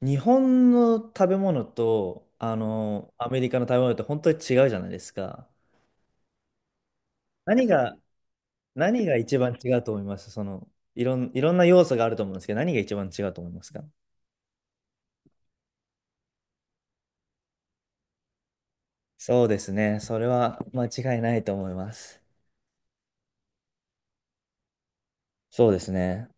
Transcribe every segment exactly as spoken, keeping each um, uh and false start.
日本の食べ物と、あの、アメリカの食べ物って本当に違うじゃないですか。何が、何が一番違うと思いますその、いろん、いろんな要素があると思うんですけど、何が一番違うと思いますか。そうですね。それは間違いないと思います。そうですね。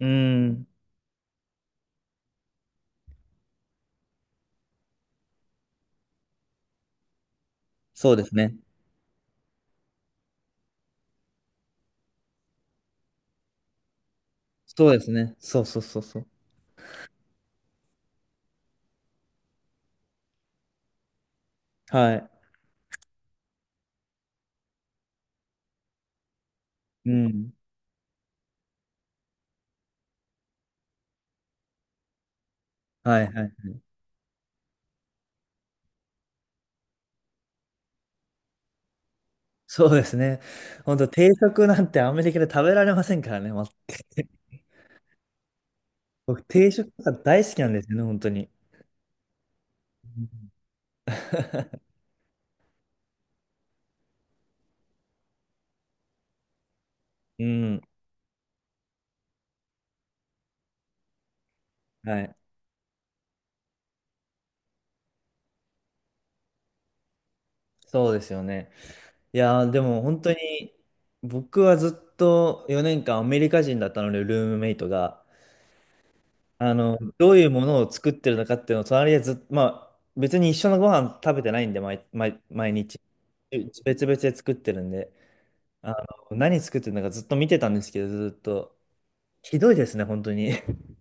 うーん。そうですね。そうですね。そうそうそうそう。はい。うん。はいはい。そうですね。本当定食なんてアメリカで食べられませんからね。ま。 僕、定食が大好きなんですよね、本当に。うん、はい。そうですよね。いやー、でも本当に、僕はずっとよねんかんアメリカ人だったので、ルームメイトが。あの、どういうものを作ってるのかっていうのを、隣でずっと、まあ、別に一緒のご飯食べてないんで、毎、毎、毎日。別々で作ってるんで、あの、何作ってるのかずっと見てたんですけど、ずっと。ひどいですね、本当に。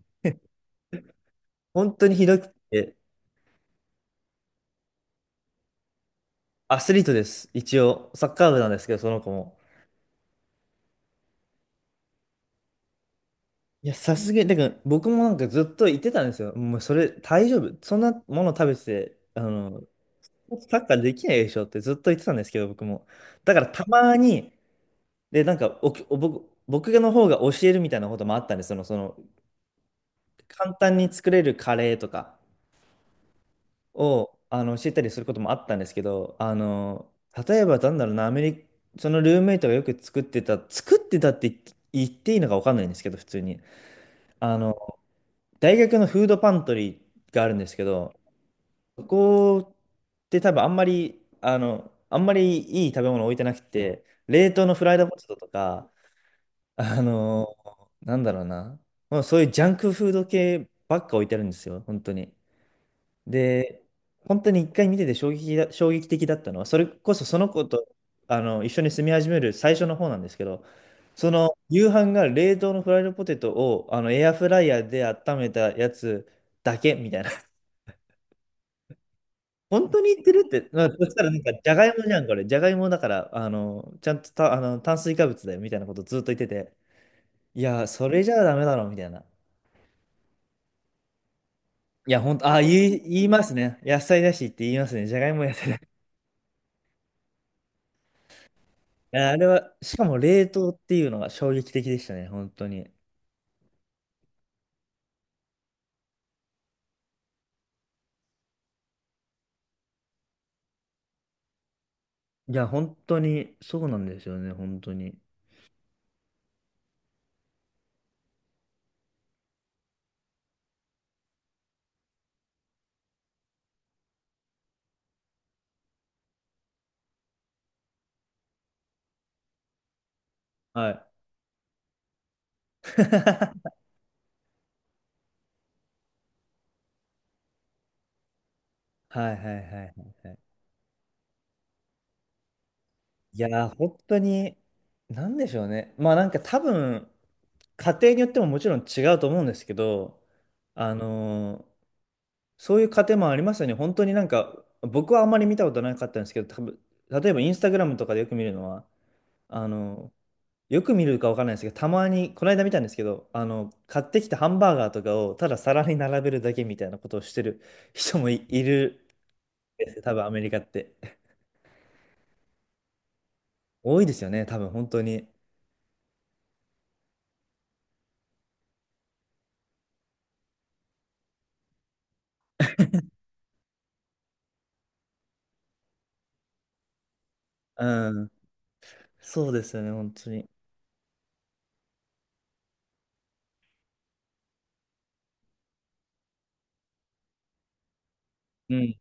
本当にひどくて。アスリートです。一応、サッカー部なんですけど、その子も。いや、さすがに、だから僕もなんかずっと言ってたんですよ。もうそれ大丈夫。そんなもの食べてて、あの、サッカーできないでしょってずっと言ってたんですけど、僕も。だからたまに、で、なんかおきお僕、僕の方が教えるみたいなこともあったんです。その、その、簡単に作れるカレーとかを、あの、教えたりすることもあったんですけど、あの、例えばなんだろうな、アメリカ、そのルームメイトがよく作ってた、作ってたって言って言っていいのかわかんないんですけど、普通に。あの大学のフードパントリーがあるんですけど、そこって多分あんまり、あの、あんまりいい食べ物置いてなくて、冷凍のフライドポテトとか、あの、なんだろうな、もうそういうジャンクフード系ばっか置いてあるんですよ、本当に。で、本当に一回見てて衝撃だ、衝撃的だったのは、それこそその子と、あの、一緒に住み始める最初の方なんですけど、その夕飯が冷凍のフライドポテトをあのエアフライヤーで温めたやつだけみたいな本当に言ってるって、まあ、そしたらなんか、じゃがいもじゃん、これ。じゃがいもだから、あの、ちゃんとた、あの、炭水化物だよ、みたいなことずっと言ってて、いや、それじゃダメだろ、みたいな。いや、本当、あ、言い、言いますね。野菜だしって言いますね。じゃがいも野菜だ。いやあれは、しかも冷凍っていうのが衝撃的でしたね、本当に。いや、本当に、そうなんですよね、本当に。はい。はいはいはいはいはい。いやー、本当に、なんでしょうね。まあなんか多分、家庭によってももちろん違うと思うんですけど、あのーそういう家庭もありますよね。本当になんか、僕はあんまり見たことなかったんですけど、多分例えばインスタグラムとかでよく見るのは、あのーよく見るかわからないですけど、たまに、この間見たんですけど、あの、買ってきたハンバーガーとかをただ皿に並べるだけみたいなことをしてる人もい、いるんですよ、多分アメリカって。多いですよね、多分本当に。うん。そうですよね、本当に。うん。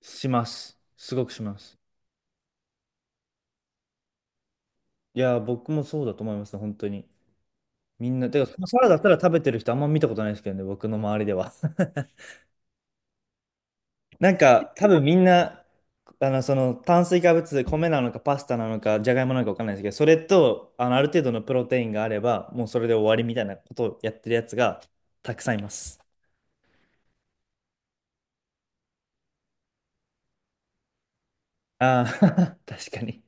します。すごくします。いや、僕もそうだと思いますね、本当に。みんな、てか、そのサラダただ食べてる人あんま見たことないですけどね、僕の周りでは。なんか、多分みんな、あの、その炭水化物、米なのかパスタなのか、じゃがいもなのかわかんないですけど、それと、あの、ある程度のプロテインがあれば、もうそれで終わりみたいなことをやってるやつがたくさんいます。ああ、確かに。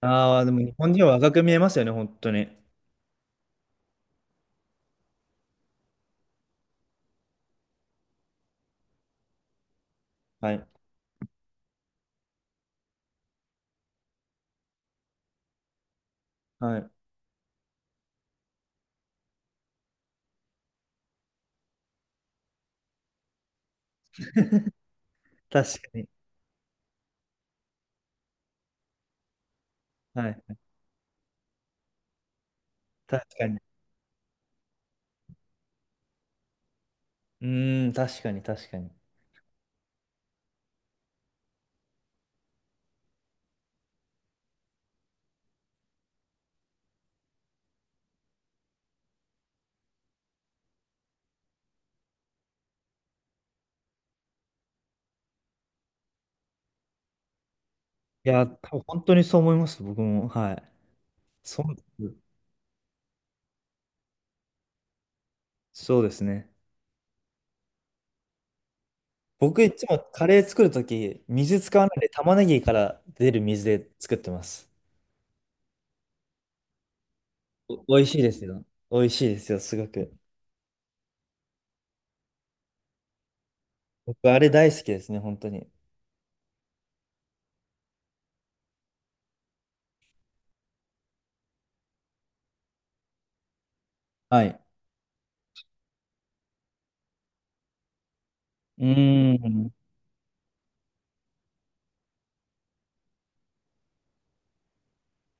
ああ、でも日本人は若く見えますよね、本当に。はい。はい。確かに。はい。確かに。うーん、確かに、確かに。いや、多分本当にそう思います、僕も。はい。そうです。そうですね。僕いつもカレー作るとき、水使わないで玉ねぎから出る水で作ってます。お、美味しいですよ。美味しいですよ、すごく。僕、あれ大好きですね、本当に。はい。うーん。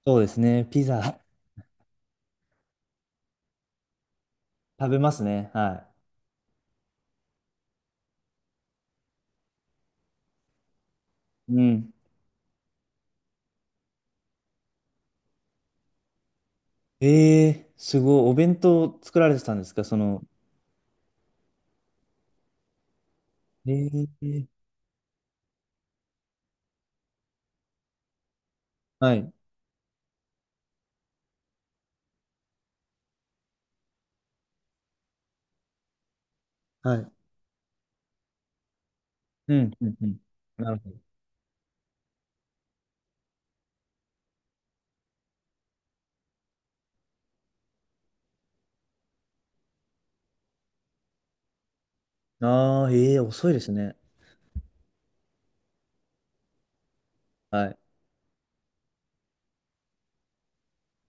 そうですね。ピザ。 食べますね。はい。うん。えー、すごい。お弁当作られてたんですかその。えー、はい。はい。うん、うん、うん。なるほど。ああ、ええー、遅いですね。はい。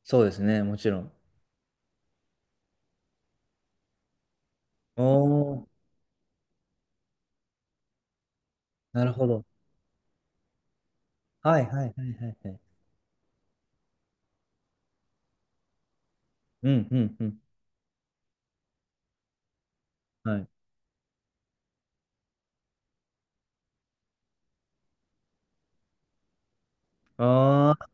そうですね、もちろん。おー、なるほど。はいはいはいはいはい。うんうんうん。はい。ああ、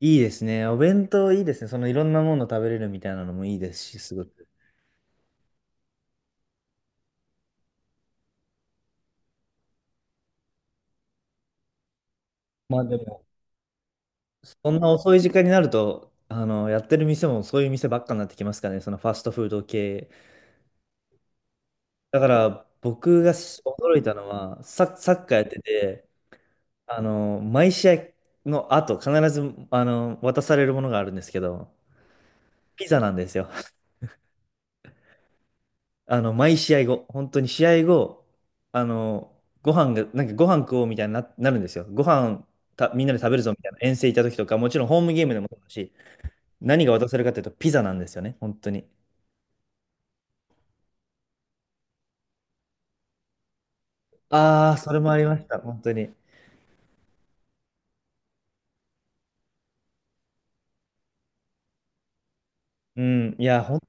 いいですね。お弁当いいですね。そのいろんなもの食べれるみたいなのもいいですし、すごく。まあでも、そんな遅い時間になると、あの、やってる店もそういう店ばっかになってきますからね、そのファストフード系。だから、僕がし驚いたのは、サ、サッカーやってて、あの、毎試合の後、必ず、あの、渡されるものがあるんですけど、ピザなんですよ。あの、毎試合後、本当に試合後、あの、ご飯が、なんかご飯食おうみたいにな、なるんですよ。ご飯た、みんなで食べるぞみたいな遠征行った時とか、もちろんホームゲームでもそうだし、何が渡せるかというとピザなんですよね、本当に。ああ、それもありました、本当に。うん、いや、ほん、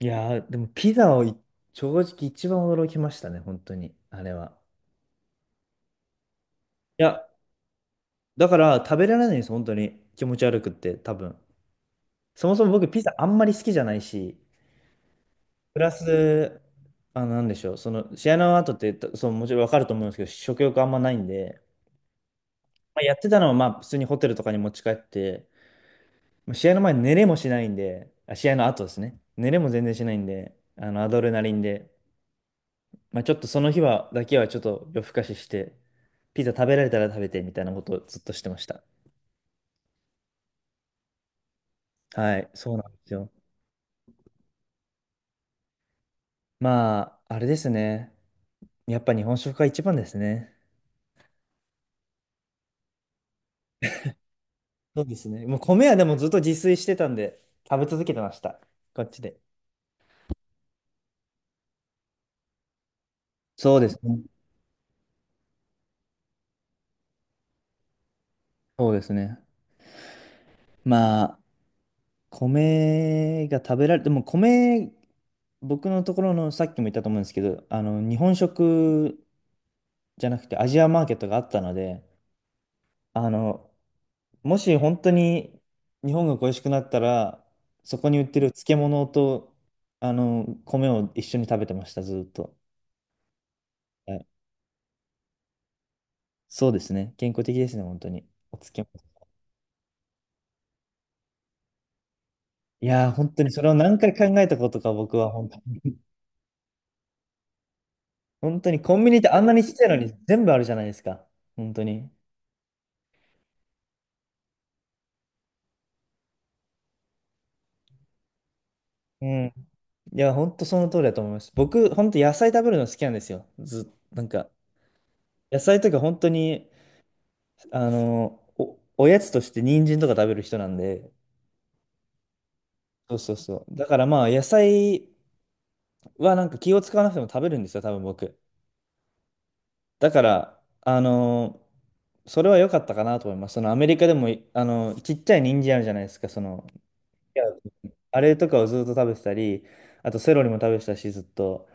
いや、でもピザをい正直一番驚きましたね、本当に、あれは。いや、だから食べられないんです、本当に。気持ち悪くって、多分。そもそも僕ピザあんまり好きじゃないし、プラス、あ、なんでしょう、その試合の後って、そう、もちろん分かると思うんですけど、食欲あんまないんで、まあ、やってたのは、まあ、普通にホテルとかに持ち帰って、まあ試合の前、寝れもしないんで、あ、試合の後ですね、寝れも全然しないんで、あのアドレナリンで、まあ、ちょっとその日はだけはちょっと夜更かしして、ピザ食べられたら食べてみたいなことをずっとしてました。はい、そうなんですよ。まあ、あれですね、やっぱ日本食が一番ですね。そうですね。もう米はでもずっと自炊してたんで、食べ続けてました。こっちで。そうですね。そうですね。まあ、米が食べられて、もう米、僕のところのさっきも言ったと思うんですけど、あの、日本食じゃなくてアジアマーケットがあったので、あの、もし本当に日本が恋しくなったら、そこに売ってる漬物と、あの、米を一緒に食べてました、ずっと。はい、そうですね。健康的ですね、本当に。お漬物。いやー、本当にそれを何回考えたことか、僕は本当に。本当にコンビニってあんなにちっちゃいのに全部あるじゃないですか。本当に。うん。いや、本当その通りだと思います。僕、本当野菜食べるの好きなんですよ。ず、なんか、野菜とか本当に、あの、お、おやつとして人参とか食べる人なんで。そうそうそう。だからまあ、野菜はなんか気を使わなくても食べるんですよ、多分僕。だから、あの、それは良かったかなと思います。そのアメリカでも、あの、ちっちゃい人参あるじゃないですか、その、いやあれとかをずっと食べてたり、あとセロリも食べてたし、ずっと。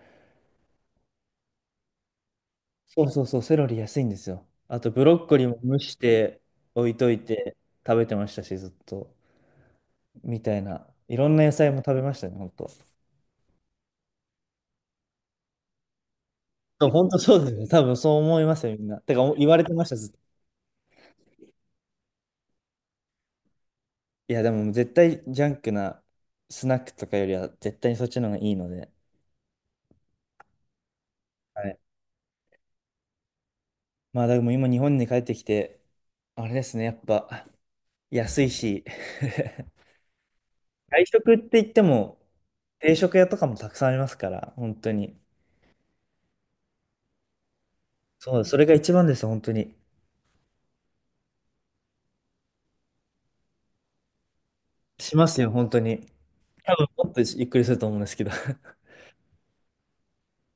そうそうそう、セロリ安いんですよ。あとブロッコリーも蒸して置いといて食べてましたし、ずっと。みたいな。いろんな野菜も食べましたね、本当。そう、本当そうですね。多分そう思いますよ、みんな。てか、言われてました、ずっと。いや、でも絶対ジャンクなスナックとかよりは絶対にそっちの方がいいので。はい。まあ、でも今日本に帰ってきて、あれですね、やっぱ安いし。 外食って言っても、定食屋とかもたくさんありますから、本当に。そう、それが一番です本当に。しますよ、本当に。多分、もっとゆっくりすると思うんですけど。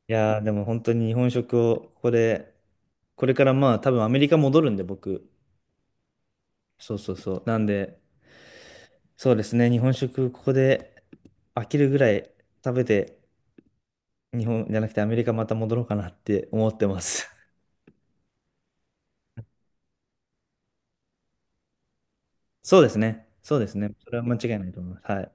いやー、でも本当に日本食を、ここで、これからまあ、多分アメリカ戻るんで、僕。そうそうそう。なんで、そうですね、日本食、ここで飽きるぐらい食べて、日本じゃなくてアメリカまた戻ろうかなって思ってます。そうですね、そうですね。それは間違いないと思います。はい。